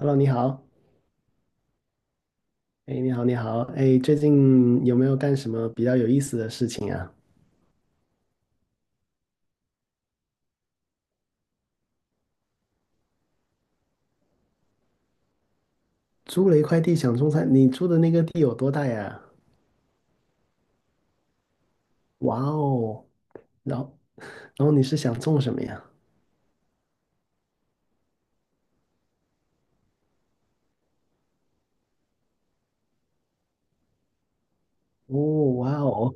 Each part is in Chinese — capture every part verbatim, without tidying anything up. Hello，你好，哎，你好，你好，哎，最近有没有干什么比较有意思的事情啊？租了一块地想种菜，你租的那个地有多大呀？哇哦，然后然后你是想种什么呀？哦，哇哦，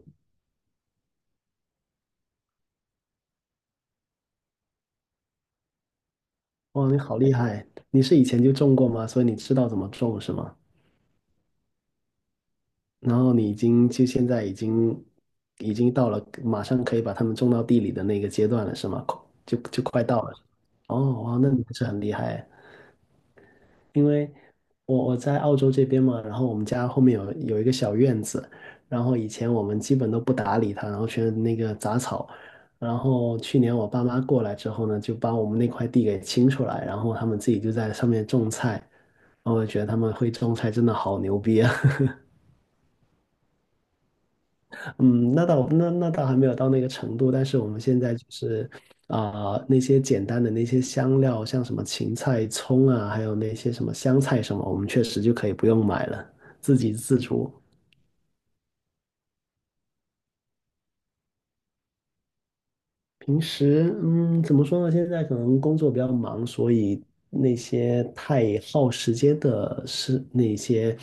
哇，你好厉害！你是以前就种过吗？所以你知道怎么种是吗？然后你已经就现在已经已经到了马上可以把它们种到地里的那个阶段了是吗？就就快到了。哦，哇，那你还是很厉害。因为我我在澳洲这边嘛，然后我们家后面有有一个小院子，然后以前我们基本都不打理它，然后全是那个杂草。然后去年我爸妈过来之后呢，就把我们那块地给清出来，然后他们自己就在上面种菜。然后我觉得他们会种菜真的好牛逼啊！嗯，那倒那那倒还没有到那个程度，但是我们现在就是啊、那些简单的那些香料，像什么芹菜、葱啊，还有那些什么香菜什么，我们确实就可以不用买了，自给自足。平时，嗯，怎么说呢？现在可能工作比较忙，所以那些太耗时间的事，那些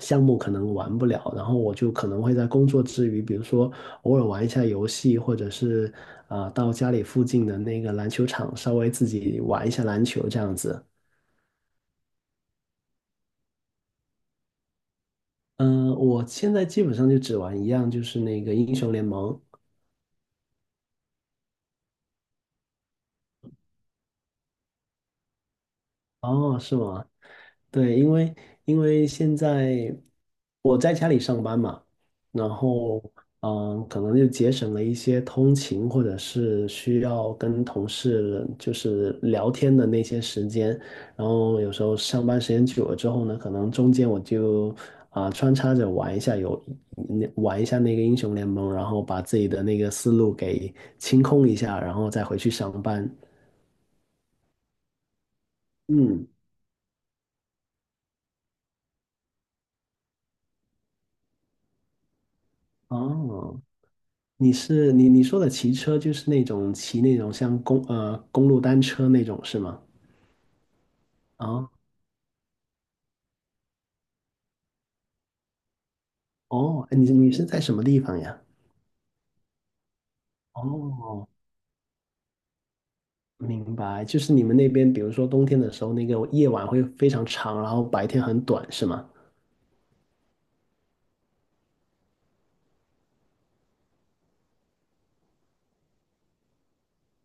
项目可能玩不了。然后我就可能会在工作之余，比如说偶尔玩一下游戏，或者是啊、呃到家里附近的那个篮球场稍微自己玩一下篮球这样子。嗯、我现在基本上就只玩一样，就是那个英雄联盟。哦，是吗？对，因为因为现在我在家里上班嘛，然后嗯，可能就节省了一些通勤或者是需要跟同事就是聊天的那些时间，然后有时候上班时间久了之后呢，可能中间我就啊、穿插着玩一下有玩一下那个英雄联盟，然后把自己的那个思路给清空一下，然后再回去上班。嗯，哦。你是你你说的骑车就是那种骑那种像公呃公路单车那种是吗？啊哦，哎你你是在什么地方呀？哦，明白，就是你们那边，比如说冬天的时候，那个夜晚会非常长，然后白天很短，是吗？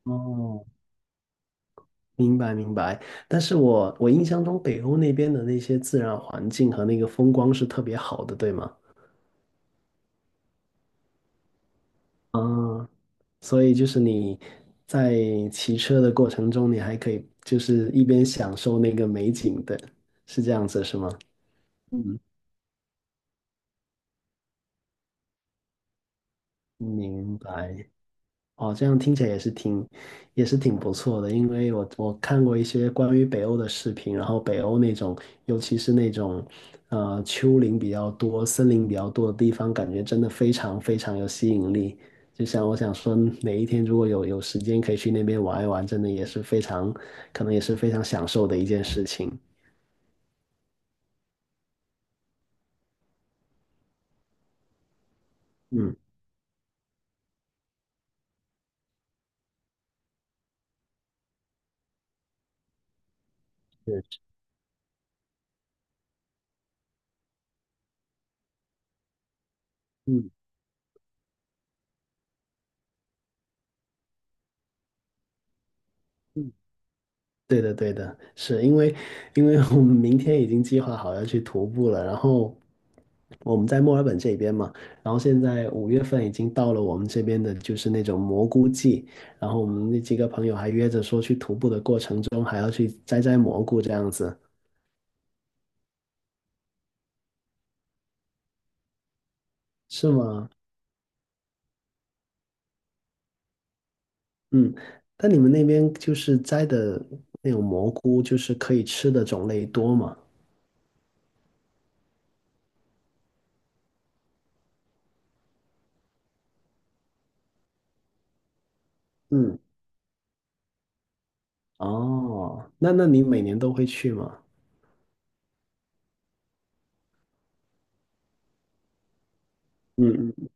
哦，明白明白。但是我我印象中北欧那边的那些自然环境和那个风光是特别好的，对吗？嗯，所以就是你在骑车的过程中，你还可以就是一边享受那个美景的，是这样子是吗？嗯，明白。哦，这样听起来也是挺，也是挺不错的。因为我我看过一些关于北欧的视频，然后北欧那种，尤其是那种，呃，丘陵比较多、森林比较多的地方，感觉真的非常非常有吸引力。就像我想说，哪一天如果有有时间可以去那边玩一玩，真的也是非常，可能也是非常享受的一件事情。嗯，对，嗯。嗯对的，对的，是因为因为我们明天已经计划好要去徒步了，然后我们在墨尔本这边嘛，然后现在五月份已经到了我们这边的就是那种蘑菇季，然后我们那几个朋友还约着说去徒步的过程中还要去摘摘蘑菇这样子，是吗？嗯，那你们那边就是摘的那种蘑菇，就是可以吃的种类多吗？嗯，哦，那那你每年都会去吗？嗯嗯，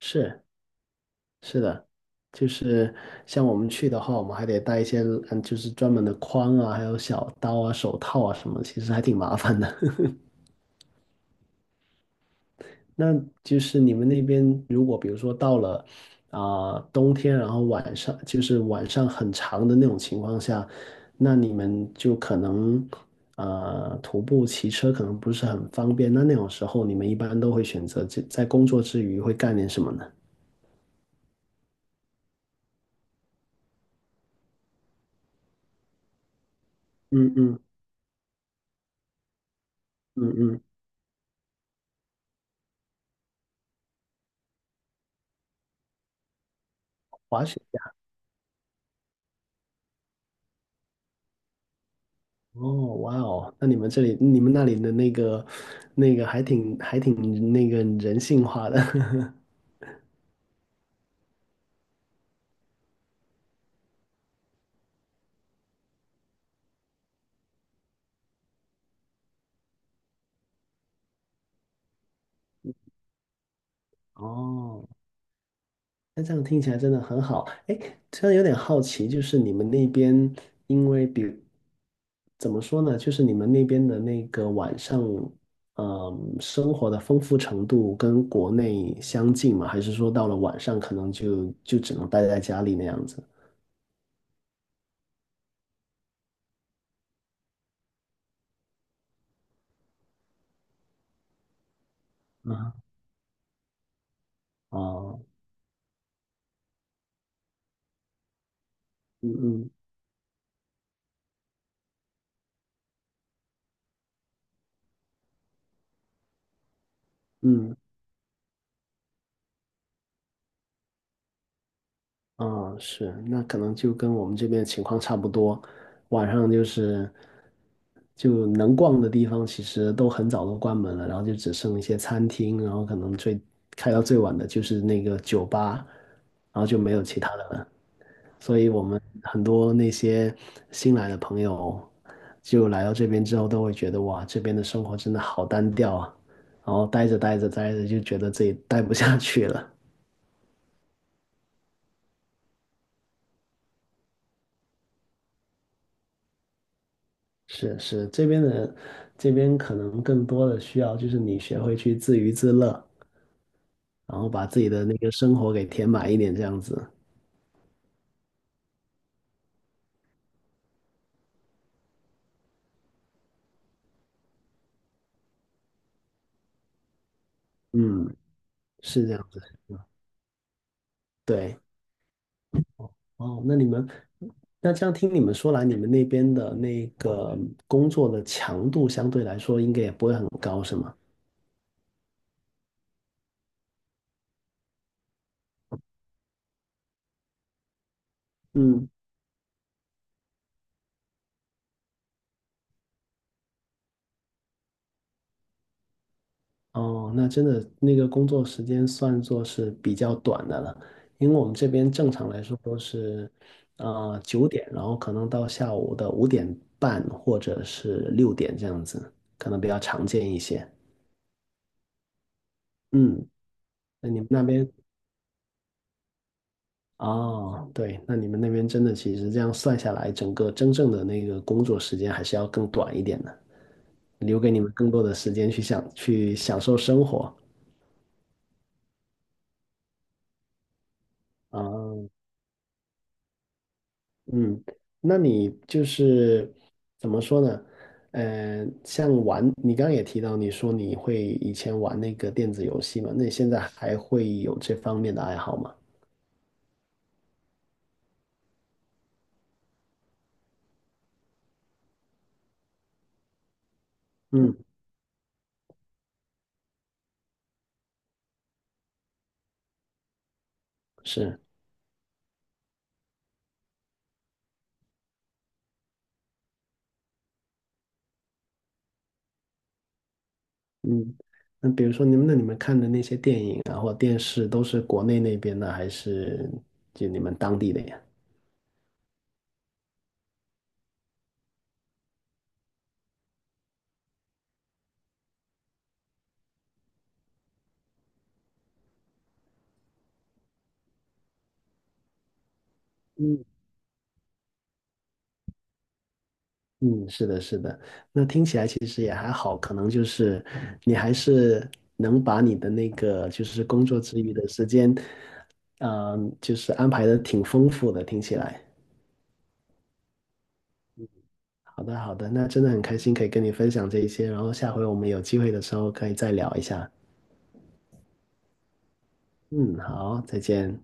是。是的，就是像我们去的话，我们还得带一些嗯，就是专门的筐啊，还有小刀啊、手套啊什么，其实还挺麻烦的。那就是你们那边，如果比如说到了啊、冬天，然后晚上就是晚上很长的那种情况下，那你们就可能呃徒步、骑车可能不是很方便。那那种时候，你们一般都会选择在在工作之余会干点什么呢？嗯嗯嗯嗯，滑雪。哦，哇哦，那你们这里、你们那里的那个、那个还挺、还挺那个人性化的。哦，那这样听起来真的很好。哎，突然有点好奇，就是你们那边，因为比怎么说呢，就是你们那边的那个晚上，嗯，生活的丰富程度跟国内相近吗？还是说到了晚上可能就就只能待在家里那样子？啊，哦，嗯嗯嗯，嗯，是，那可能就跟我们这边情况差不多。晚上就是就能逛的地方，其实都很早都关门了，然后就只剩一些餐厅，然后可能最开到最晚的就是那个酒吧，然后就没有其他的了。所以我们很多那些新来的朋友，就来到这边之后，都会觉得哇，这边的生活真的好单调啊，然后待着待着待着就觉得自己待不下去了。是是，这边的这边可能更多的需要就是你学会去自娱自乐，然后把自己的那个生活给填满一点，这样子。嗯，是这样子。对，哦，那你们，那这样听你们说来，你们那边的那个工作的强度相对来说应该也不会很高，是吗？嗯哦，那真的那个工作时间算作是比较短的了，因为我们这边正常来说都是，呃，九点，然后可能到下午的五点半或者是六点这样子，可能比较常见一些。嗯，那你们那边哦，对，那你们那边真的其实这样算下来，整个真正的那个工作时间还是要更短一点的，留给你们更多的时间去享去享受生活。啊。嗯，那你就是怎么说呢？呃，像玩，你刚刚也提到，你说你会以前玩那个电子游戏嘛？那你现在还会有这方面的爱好吗？嗯，是，嗯，那比如说你们那你们看的那些电影啊，或电视，都是国内那边的，还是就你们当地的呀？嗯嗯，是的，是的。那听起来其实也还好，可能就是你还是能把你的那个就是工作之余的时间。嗯，就是安排的挺丰富的，听起来。好的，好的，那真的很开心可以跟你分享这一些，然后下回我们有机会的时候可以再聊一下。嗯，好，再见。